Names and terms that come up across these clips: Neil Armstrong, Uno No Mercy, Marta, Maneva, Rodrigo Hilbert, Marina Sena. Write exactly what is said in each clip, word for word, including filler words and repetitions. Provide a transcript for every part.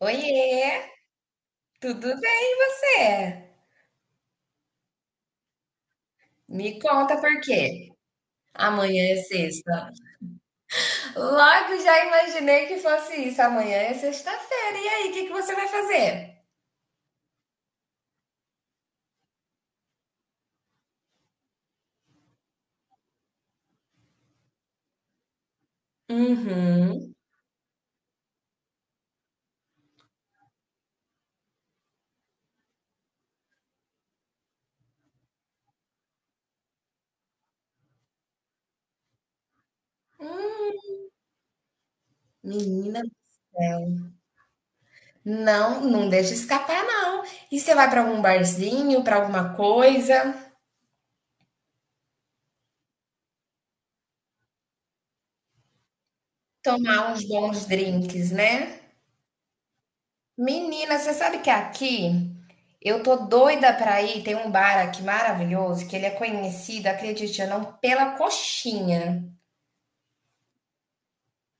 Oiê, tudo bem? Me conta por quê? Amanhã é sexta. Logo já imaginei que fosse isso. Amanhã é sexta-feira. E aí, o que que você vai fazer? Uhum. Hum, menina do céu. Não, não deixa escapar, não. E você vai para algum barzinho, para alguma coisa, tomar uns bons drinks, né? Menina, você sabe que aqui eu tô doida pra ir. Tem um bar aqui maravilhoso que ele é conhecido, acredite ou não, pela coxinha.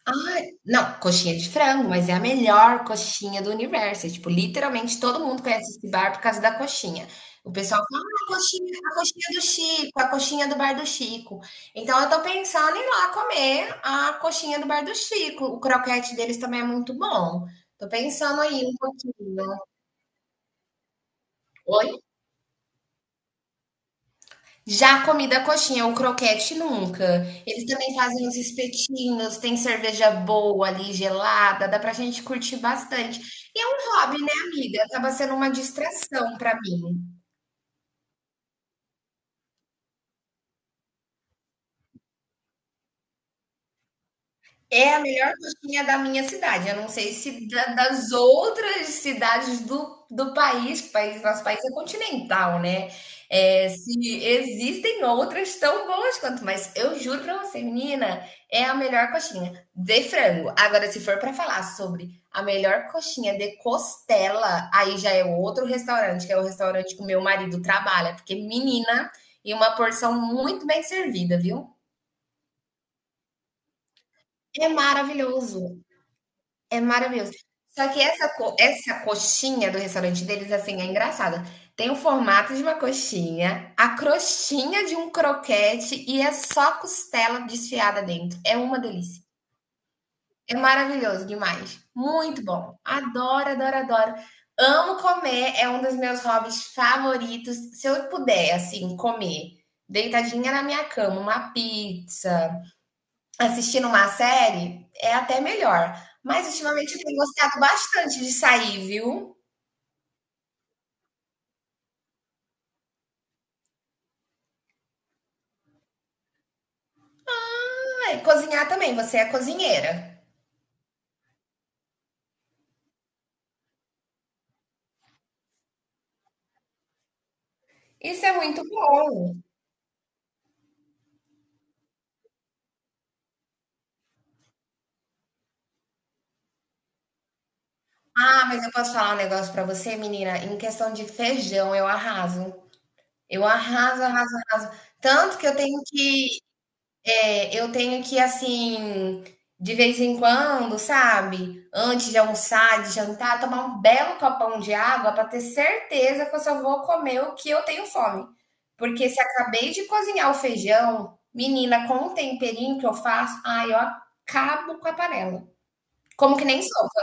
Ai, não, coxinha de frango, mas é a melhor coxinha do universo. É, tipo, literalmente todo mundo conhece esse bar por causa da coxinha. O pessoal fala, ah, a coxinha, a coxinha do Chico, a coxinha do bar do Chico. Então eu tô pensando em ir lá comer a coxinha do bar do Chico. O croquete deles também é muito bom. Tô pensando aí um pouquinho. Já a comida coxinha, o croquete nunca. Eles também fazem os espetinhos, tem cerveja boa ali, gelada, dá pra gente curtir bastante. E é um hobby, né, amiga? Acaba sendo uma distração pra mim. É a melhor coxinha da minha cidade. Eu não sei se da- das outras cidades do, do país, país, nosso país é continental, né? É, se existem outras tão boas quanto, mas eu juro pra você, menina, é a melhor coxinha de frango. Agora, se for pra falar sobre a melhor coxinha de costela, aí já é outro restaurante, que é o restaurante que o meu marido trabalha, porque menina, e uma porção muito bem servida, viu? É maravilhoso. É maravilhoso. Só que essa co essa coxinha do restaurante deles, assim, é engraçada. Tem o formato de uma coxinha, a crostinha de um croquete e é só costela desfiada dentro. É uma delícia. É maravilhoso demais. Muito bom. Adoro, adoro, adoro. Amo comer, é um dos meus hobbies favoritos. Se eu puder, assim, comer deitadinha na minha cama, uma pizza assistindo uma série, é até melhor. Mas ultimamente eu tenho gostado bastante de sair, viu? Ah, e cozinhar também, você é cozinheira. Isso é muito bom. Ah, mas eu posso falar um negócio pra você, menina? Em questão de feijão, eu arraso. Eu arraso, arraso, arraso. Tanto que eu tenho que É, eu tenho que, assim, de vez em quando, sabe? Antes de almoçar, de jantar, tomar um belo copão de água para ter certeza que eu só vou comer o que eu tenho fome. Porque se acabei de cozinhar o feijão, menina, com o temperinho que eu faço, ai, eu acabo com a panela. Como que nem sopa.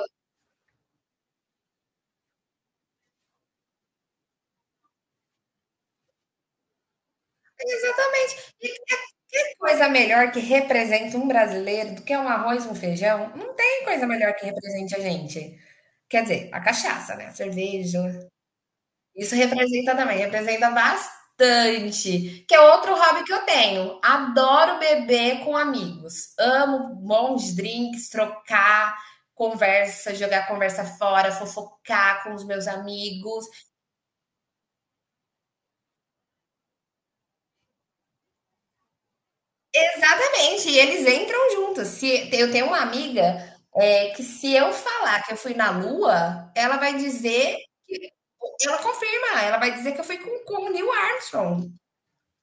Exatamente. E que coisa melhor que representa um brasileiro do que um arroz e um feijão? Não tem coisa melhor que represente a gente. Quer dizer, a cachaça, né? A cerveja, isso representa também, representa bastante. Que é outro hobby que eu tenho. Adoro beber com amigos. Amo bons drinks, trocar conversa, jogar conversa fora, fofocar com os meus amigos. Exatamente, e eles entram juntos. Se eu tenho uma amiga é, que se eu falar que eu fui na Lua, ela vai dizer que ela confirma, ela vai dizer que eu fui com, com o Neil Armstrong.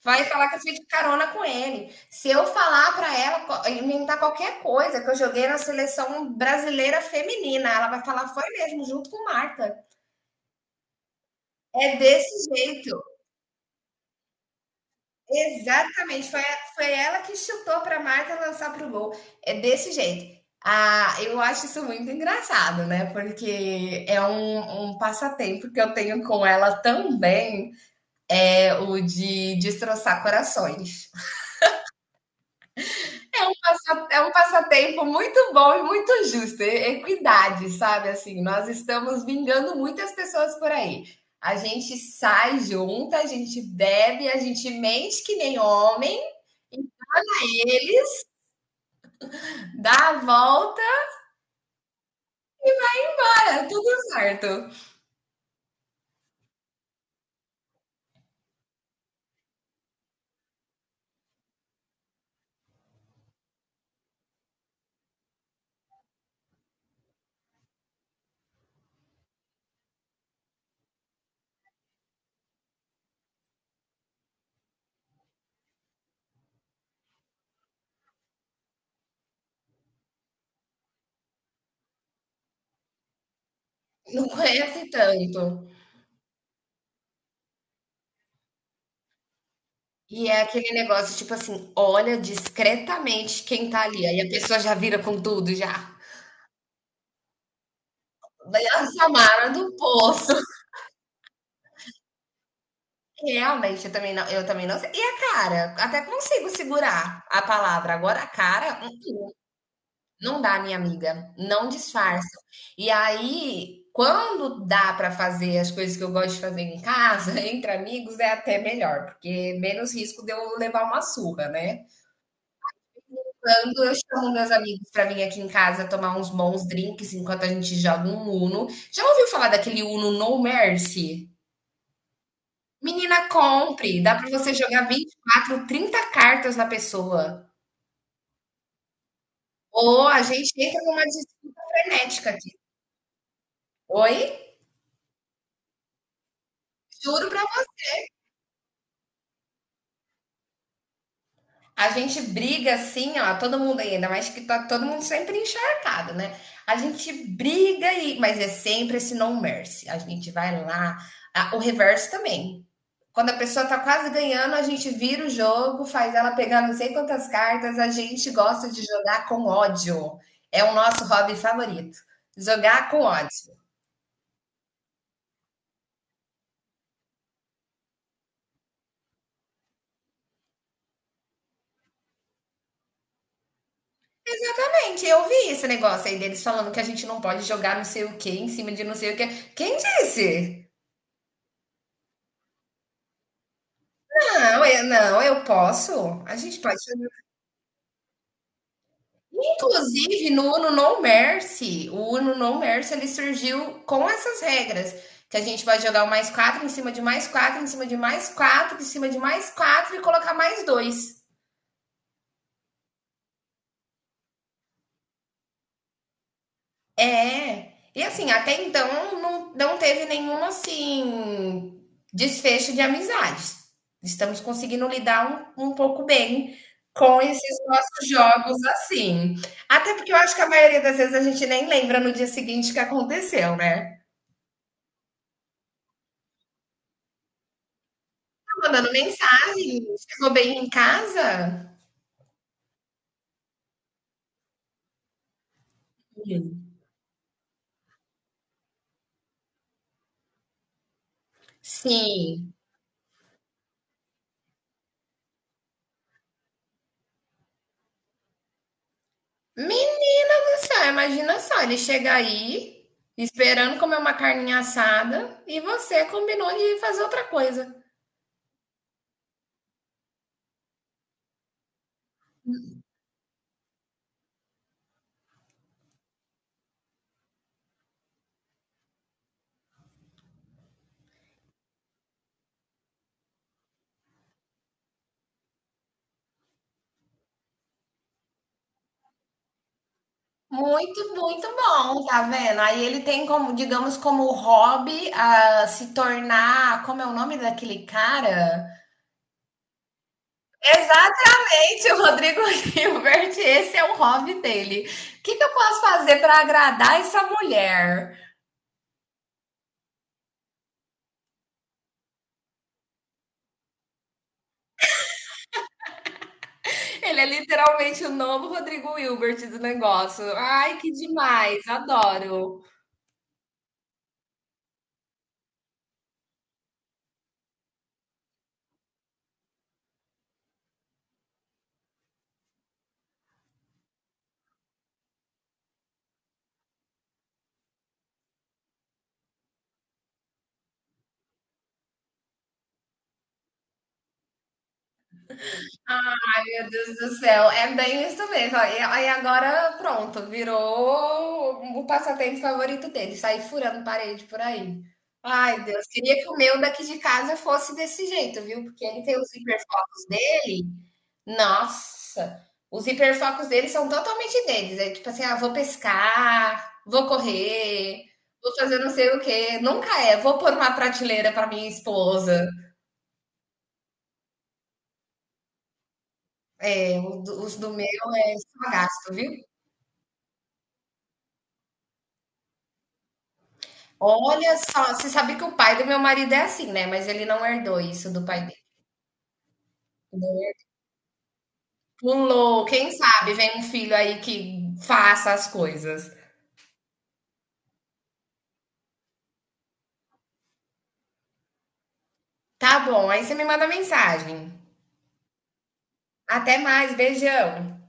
Vai falar que eu fui de carona com ele. Se eu falar para ela, inventar qualquer coisa que eu joguei na seleção brasileira feminina, ela vai falar, foi mesmo, junto com Marta. É desse jeito. Exatamente. Foi, foi ela que chutou para Marta lançar pro gol. É desse jeito. Ah, eu acho isso muito engraçado, né? Porque é um, um passatempo que eu tenho com ela também, é o de destroçar corações. passa- é um passatempo muito bom e muito justo. É equidade, sabe? Assim, nós estamos vingando muitas pessoas por aí. A gente sai junta, a gente bebe, a gente mente que nem homem, dá a volta, é tudo certo. Não conhece tanto. E é aquele negócio, tipo assim, olha discretamente quem tá ali. Aí a pessoa já vira com tudo, já. Vai a Samara do poço. Realmente, eu também não, eu também não sei. E a cara? Até consigo segurar a palavra. Agora, a cara, hum, não dá, minha amiga. Não disfarça. E aí, quando dá para fazer as coisas que eu gosto de fazer em casa, entre amigos, é até melhor, porque menos risco de eu levar uma surra, né? Quando eu chamo meus amigos para vir aqui em casa tomar uns bons drinks enquanto a gente joga um Uno. Já ouviu falar daquele Uno No Mercy? Menina, compre. Dá para você jogar vinte, e quatro, trinta cartas na pessoa. Ou a gente entra numa disputa frenética aqui. Oi? Juro pra A gente briga assim, ó, todo mundo aí, ainda mais que tá todo mundo sempre encharcado, né? A gente briga e, mas é sempre esse no mercy. A gente vai lá, ah, o reverso também. Quando a pessoa tá quase ganhando, a gente vira o jogo, faz ela pegar não sei quantas cartas. A gente gosta de jogar com ódio. É o nosso hobby favorito. Jogar com ódio. Exatamente, eu vi esse negócio aí deles falando que a gente não pode jogar não sei o que em cima de não sei o que. Quem disse? Não, eu não, eu posso. A gente pode fazer. Inclusive, no Uno No Mercy, o Uno No Mercy, ele surgiu com essas regras, que a gente vai jogar o mais quatro em cima de mais quatro, em cima de mais quatro, em cima de mais quatro e colocar mais dois. É. E assim, até então não, não teve nenhum assim desfecho de amizades. Estamos conseguindo lidar um, um pouco bem com esses nossos jogos assim. Até porque eu acho que a maioria das vezes a gente nem lembra no dia seguinte o que aconteceu, né? Tá mandando mensagem, chegou bem em casa? Sim. Sim. Menina do céu, imagina só, ele chega aí esperando comer uma carninha assada e você combinou de fazer outra coisa. Muito, muito bom, tá vendo? Aí ele tem como, digamos, como hobby a se tornar, como é o nome daquele cara? Exatamente, o Rodrigo Hilbert, esse é o hobby dele. O que que eu posso fazer para agradar essa mulher? Ele é literalmente o novo Rodrigo Hilbert do negócio. Ai, que demais, adoro. Meu Deus do céu, é bem isso mesmo. Aí aí agora, pronto, virou o passatempo favorito dele, sair furando parede por aí. Ai, Deus, queria que o meu daqui de casa fosse desse jeito, viu, porque ele tem os hiperfocos dele. Nossa, os hiperfocos dele são totalmente deles, é tipo assim: "Ah, vou pescar, vou correr, vou fazer não sei o quê", nunca é: "Vou pôr uma prateleira para minha esposa". É, o do os do meu é só gasto, viu. Olha só, você sabe que o pai do meu marido é assim, né, mas ele não herdou isso do pai dele. Pulou, quem sabe vem um filho aí que faça as coisas. Tá bom, aí você me manda mensagem. Até mais, beijão.